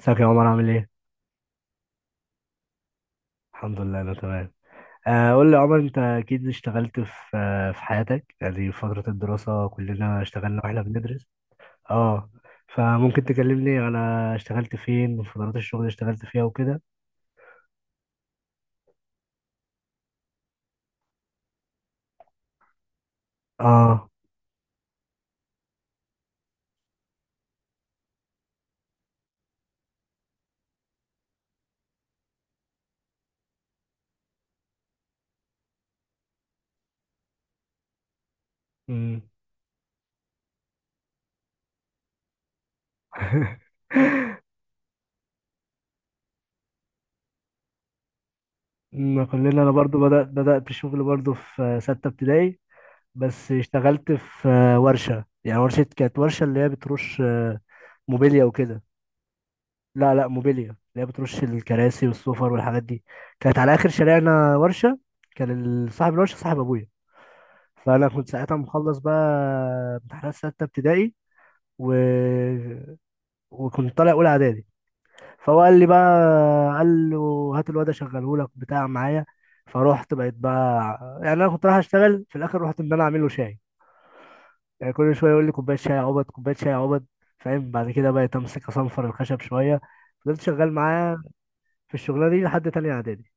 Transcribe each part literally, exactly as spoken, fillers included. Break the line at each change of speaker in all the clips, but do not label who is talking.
ازيك يا عمر؟ عامل ايه؟ الحمد لله انا تمام. آه، قول لي يا عمر، انت اكيد اشتغلت في آه، في حياتك، يعني في فترة الدراسة كلنا اشتغلنا واحنا بندرس. اه. فممكن تكلمني انا اشتغلت فين وفترات الشغل اللي اشتغلت فيها وكده. اه. امم. ما كلنا، انا برضو بدأت بدأت الشغل برضو في آه، ستة ابتدائي. بس اشتغلت في آه، ورشة، يعني ورشة، كانت ورشة اللي هي بترش آه، موبيليا وكده. لا لا، موبيليا اللي هي بترش الكراسي والسفر والحاجات دي. كانت على اخر شارعنا ورشه. كان ال- صاحب الورشه صاحب ابويا، فانا كنت ساعتها مخلص بقى امتحانات سته ابتدائي و... وكنت طالع اولى اعدادي. فهو قال لي بقى، قال له هات الواد اشغله لك بتاع معايا. فروحت بقيت بقى، يعني انا كنت رايح اشتغل، في الاخر رحت ان انا اعمل له شاي. يعني كل شويه يقول لي كوبايه شاي يا عبد، كوبايه شاي يا عبد. فاهم؟ بعد كده بقيت امسك اصنفر الخشب شويه. فضلت شغال معاه في الشغلانه دي لحد تانية اعدادي.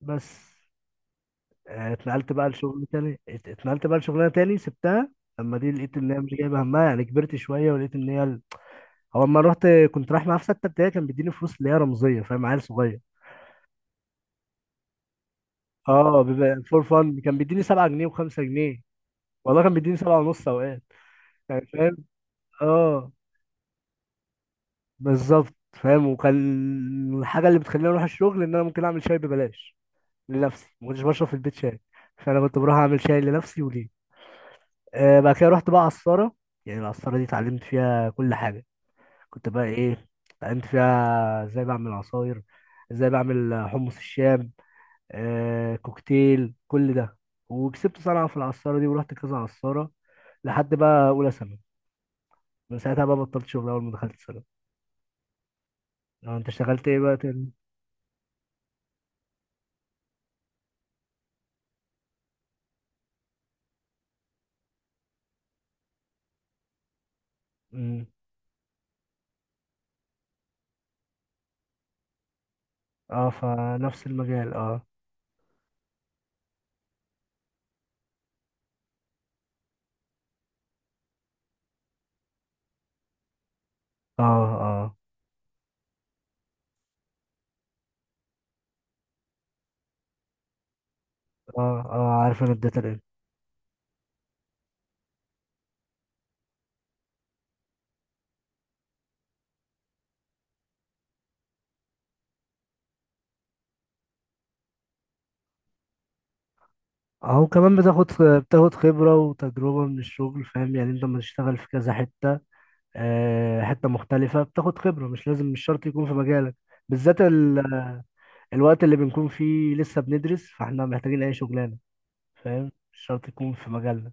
بس آه، اتنقلت بقى لشغل تاني، ات- اتنقلت بقى لشغلانه تاني، سبتها اما دي لقيت ان هي مش جايبه همها، يعني كبرت شويه ولقيت ان هي ال- هو اما رحت، كنت رايح معاه في سته ابتدائي كان بيديني فلوس اللي هي رمزيه، فاهم؟ عيل صغير. اه، بيبقى فور فن. كان بيديني سبعة جنيه و5 جنيه، والله كان بيديني سبعة ونص اوقات. يعني فاهم؟ اه بالظبط. فاهم؟ وكان الحاجه اللي بتخليني اروح الشغل ان انا ممكن اعمل شاي ببلاش لنفسي. ما كنتش بشرب في البيت شاي، فانا كنت بروح اعمل شاي لنفسي وليه. آه، بعد كده رحت بقى عصارة. يعني العصارة دي اتعلمت فيها كل حاجة. كنت بقى ايه، اتعلمت فيها ازاي بعمل عصاير، ازاي بعمل حمص الشام، آه كوكتيل كل ده. وكسبت صنعة في العصارة دي ورحت كذا عصارة لحد بقى أولى ثانوي. من ساعتها بقى بطلت شغل، أول ما دخلت ثانوي. اه انت اشتغلت ايه بقى تاني؟ مم. اه فنفس المجال اه اه. اه. اه. اه، عارف، انا الداتا. اهو كمان بتاخد بتاخد خبرة وتجربة من الشغل. فاهم؟ يعني انت لما تشتغل في كذا حتة، آه، حتة مختلفة، بتاخد خبرة، مش لازم، مش شرط يكون في مجالك. بالذات ال... الوقت اللي بنكون فيه لسه بندرس، فاحنا محتاجين اي شغلانة، فاهم؟ مش شرط يكون في مجالنا.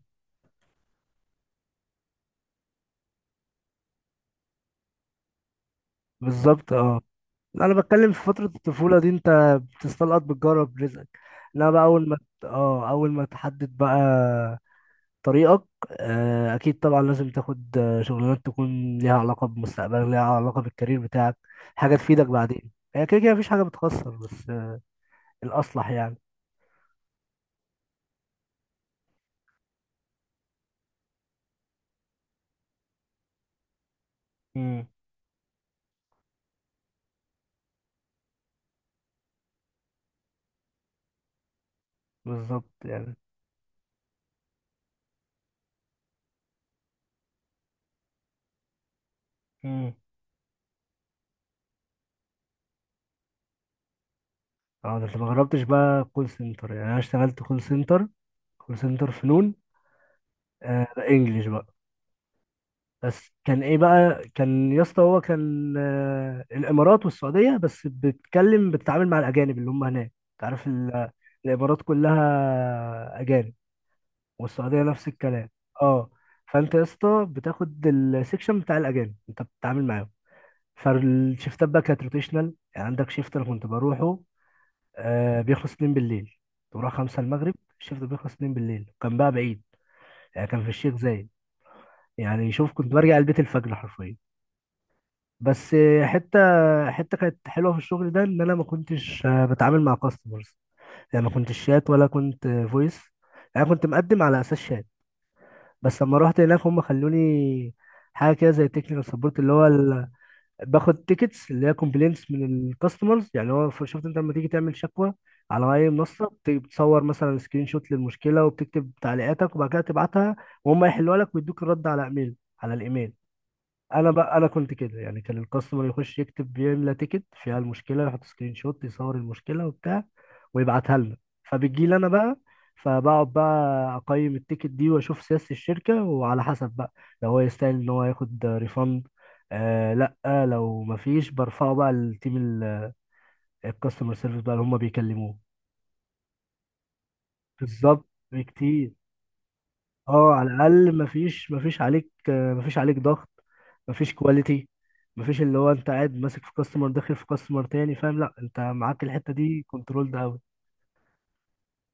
بالظبط اه. انا بتكلم في فترة الطفولة دي، انت بتستلقط، بتجرب رزقك. لا بقى، اول ما ت- اه اول ما تحدد بقى طريقك، آه، اكيد طبعا لازم تاخد آه، شغلانات تكون ليها علاقه بمستقبلك، ليها علاقه بالكارير بتاعك، حاجه تفيدك بعدين. هي كده كده مفيش حاجه بتخسر، بس آه، الاصلح يعني. امم بالظبط يعني. امم. اه ده انت ما جربتش بقى كول سنتر؟ يعني انا اشتغلت كول سنتر، كول سنتر فنون، آه انجلش بقى. بس كان ايه بقى، كان يا اسطى هو كان آه الامارات والسعوديه بس، بتتكلم بتتعامل مع الاجانب اللي هم هناك. انت عارف ال- الامارات كلها اجانب، والسعودية نفس الكلام. اه. فانت يا اسطى بتاخد السكشن بتاع الاجانب، انت بتتعامل معاهم. فالشيفتات بقى كانت روتيشنال، يعني عندك شيفت انا كنت بروحه آه بيخلص اتنين بالليل، كنت بروح خمسة المغرب، الشيفت بيخلص اتنين بالليل. كان بقى بعيد، يعني كان في الشيخ زايد. يعني شوف، كنت برجع البيت الفجر حرفيا. بس آه، حته حته كانت حلوه في الشغل ده، ان انا ما كنتش آه، بتعامل مع كاستمرز. يعني ما كنتش شات ولا كنت فويس، يعني كنت مقدم على اساس شات، بس لما رحت هناك هم خلوني حاجه كده زي تكنيكال سبورت اللي هو ال... باخد تيكتس اللي هي كومبلينتس من الكاستمرز. يعني هو ف- شفت انت لما تيجي تعمل شكوى على اي منصه، بت- بتصور مثلا سكرين شوت للمشكله، وبتكتب تعليقاتك، وبعد كده تبعتها وهم يحلوها لك ويدوك الرد على ايميل، على الايميل. انا بقى، انا كنت كده يعني، كان الكاستمر يخش يكتب، بيملى تيكت فيها المشكله، يحط سكرين شوت يصور المشكله وبتاع، ويبعتها لنا. فبتجي لي انا بقى، فبقعد بقى اقيم التيكت دي واشوف سياسه الشركه، وعلى حسب بقى، لو هو يستاهل ان هو ياخد ريفند آه، لا لو مفيش برفعه بقى للتيم، الكاستمر سيرفيس بقى، اللي هم بيكلموه. بالظبط، بكتير. اه، على الاقل مفيش، مفيش عليك آه، مفيش عليك ضغط، مفيش كواليتي، مفيش اللي هو انت قاعد ماسك في كاستمر داخل في كاستمر تاني، فاهم؟ لا انت معاك الحته دي كنترول ده قوي.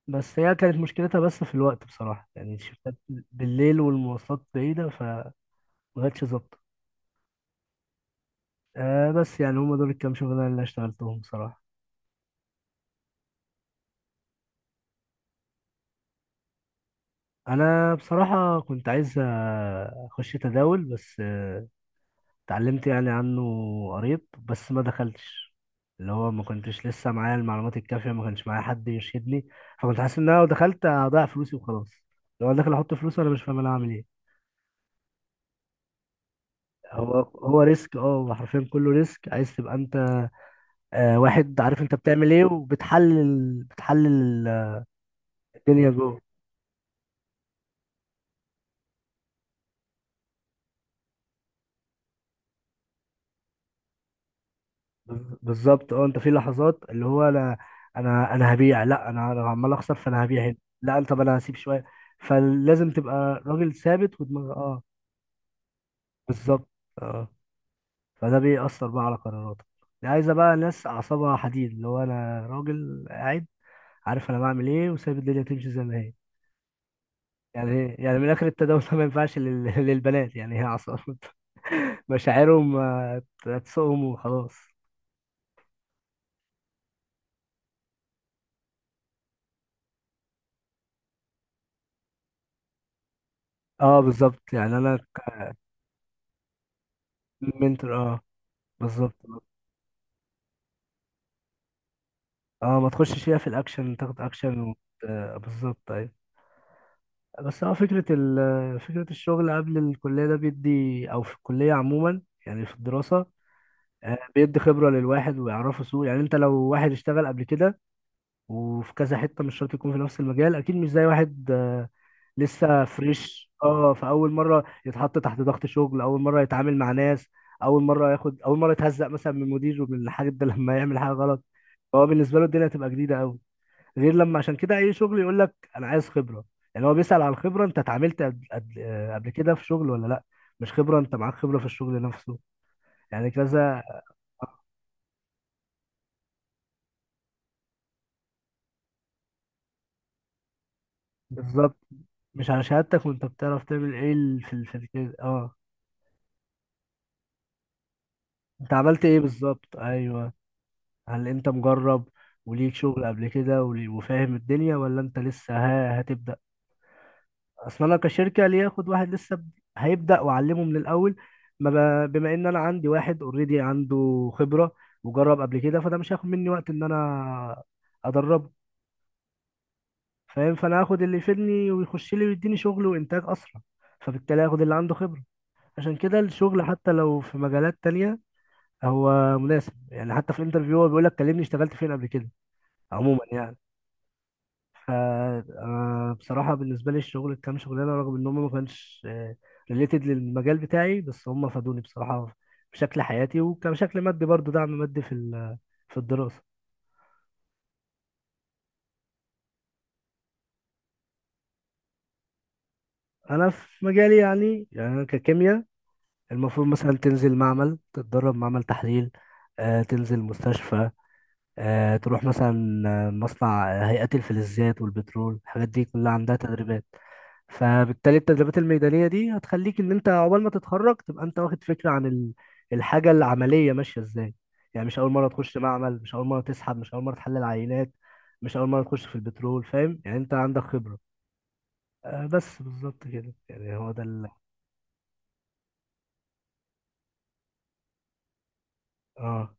بس هي كانت مشكلتها بس في الوقت بصراحه، يعني الشفتات بالليل والمواصلات بعيده فمبقتش ظابطه. آه بس يعني هما دول الكام شغلانه اللي اشتغلتهم بصراحه. انا بصراحه كنت عايز آه، اخش تداول، بس اتعلمت يعني عنه قريب، بس ما دخلتش. اللي هو ما كنتش لسه معايا المعلومات الكافية، ما كانش معايا حد يرشدني، فكنت حاسس ان انا لو دخلت هضيع فلوسي وخلاص. لو انا داخل احط فلوس وانا مش فاهم انا هعمل ايه. هو هو ريسك اه، هو حرفيا كله ريسك. عايز تبقى انت آه واحد عارف انت بتعمل ايه، وبتحلل بتحلل الدنيا جوه. بز- بالظبط اه. انت في لحظات اللي هو انا، انا انا هبيع، لا انا انا عمال اخسر فانا هبيع هنا. لا طب انا هسيب شويه. فلازم تبقى راجل ثابت ودماغ اه بالظبط اه. فده بيأثر بقى على قراراتك. دي عايزة بقى ناس أعصابها حديد، اللي هو أنا راجل قاعد عارف أنا بعمل إيه، وسايب الدنيا تمشي زي ما هي. يعني هي- يعني من آخر التداول ده، ما ينفعش لل... للبنات. يعني هي أعصاب، مشاعرهم آه، هتسوقهم وخلاص. اه بالظبط، يعني أنا منتور اه بالظبط اه. ما تخشش فيها في الأكشن، تاخد أكشن و... آه، بالظبط أيوة. بس هو فكرة ال... فكرة الشغل قبل الكلية ده بيدي، أو في الكلية عموما، يعني في الدراسة آه، بيدي خبرة للواحد ويعرفه سوق. يعني انت لو واحد اشتغل قبل كده وفي كذا حتة، مش شرط يكون في نفس المجال، اكيد مش زي واحد آه، لسه فريش اه. فاول مرة يتحط تحت ضغط شغل، اول مرة يتعامل مع ناس، اول مرة ياخد، اول مرة يتهزق مثلا من مديره، من الحاجات ده لما يعمل حاجة غلط. فهو بالنسبة له الدنيا تبقى جديدة قوي، غير لما، عشان كده اي شغل يقول لك انا عايز خبرة. يعني هو بيسأل على الخبرة، انت اتعاملت قبل قبل- آه، قبل كده في شغل ولا لا. مش خبرة انت معاك خبرة في الشغل نفسه، يعني كذا. بالظبط مش على شهادتك، وانت بتعرف تعمل ايه ال- في ال- في كده اه. انت عملت ايه، بالظبط ايوه. هل انت مجرب وليك شغل قبل كده ولي- وفاهم الدنيا، ولا انت لسه ها هتبدأ. اصلا انا كشركة، ليه اخد واحد لسه ب- هيبدأ واعلمه من الاول؟ ما ب- بما ان انا عندي واحد اوريدي عنده خبرة وجرب قبل كده، فده مش هياخد مني وقت ان انا ادربه. فاهم؟ فانا هاخد اللي يفيدني ويخش لي ويديني شغل وانتاج اسرع، فبالتالي هاخد اللي عنده خبرة. عشان كده الشغل حتى لو في مجالات تانية هو مناسب. يعني حتى في الانترفيو هو بيقول لك كلمني اشتغلت فين قبل كده، عموما يعني. ف آه، بصراحة بالنسبة لي الشغل كام شغلانة، رغم ان هم ما كانش ريليتد للمجال بتاعي، بس هم فادوني بصراحة في شكل حياتي، وكشكل مادي برضو، دعم مادي في ال- في الدراسة. انا في مجالي يعني، يعني انا ككيمياء، المفروض مثلا تنزل معمل، تتدرب معمل تحليل، آه، تنزل مستشفى، آه، تروح مثلا آه، مصنع، آه، هيئة الفلزات والبترول، الحاجات دي كلها عندها تدريبات. فبالتالي التدريبات الميدانية دي هتخليك إن أنت عقبال ما تتخرج تبقى أنت واخد فكرة عن ال- الحاجة العملية ماشية إزاي. يعني مش أول مرة تخش معمل، مش أول مرة تسحب، مش أول مرة تحلل عينات، مش أول مرة تخش في البترول، فاهم؟ يعني أنت عندك خبرة آه، بس بالظبط كده. يعني هو ده ال... آه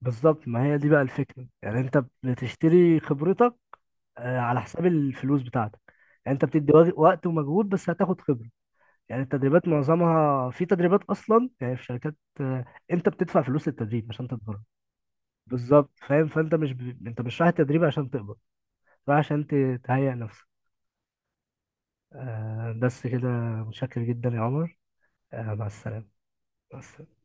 بالظبط. ما هي دي بقى الفكرة، يعني أنت بتشتري خبرتك آه، على حساب الفلوس بتاعتك. يعني انت بتدي وج- وقت ومجهود، بس هتاخد خبرة. يعني التدريبات، معظمها في تدريبات اصلا، يعني في شركات آه، انت بتدفع فلوس للتدريب عشان تتدرب. بالظبط فاهم. فانت مش ب... انت مش رايح التدريب عشان تقبض، رايح عشان ت... تهيئ نفسك آه، بس كده. متشكر جدا يا عمر، آه، مع السلامة. مع السلامة.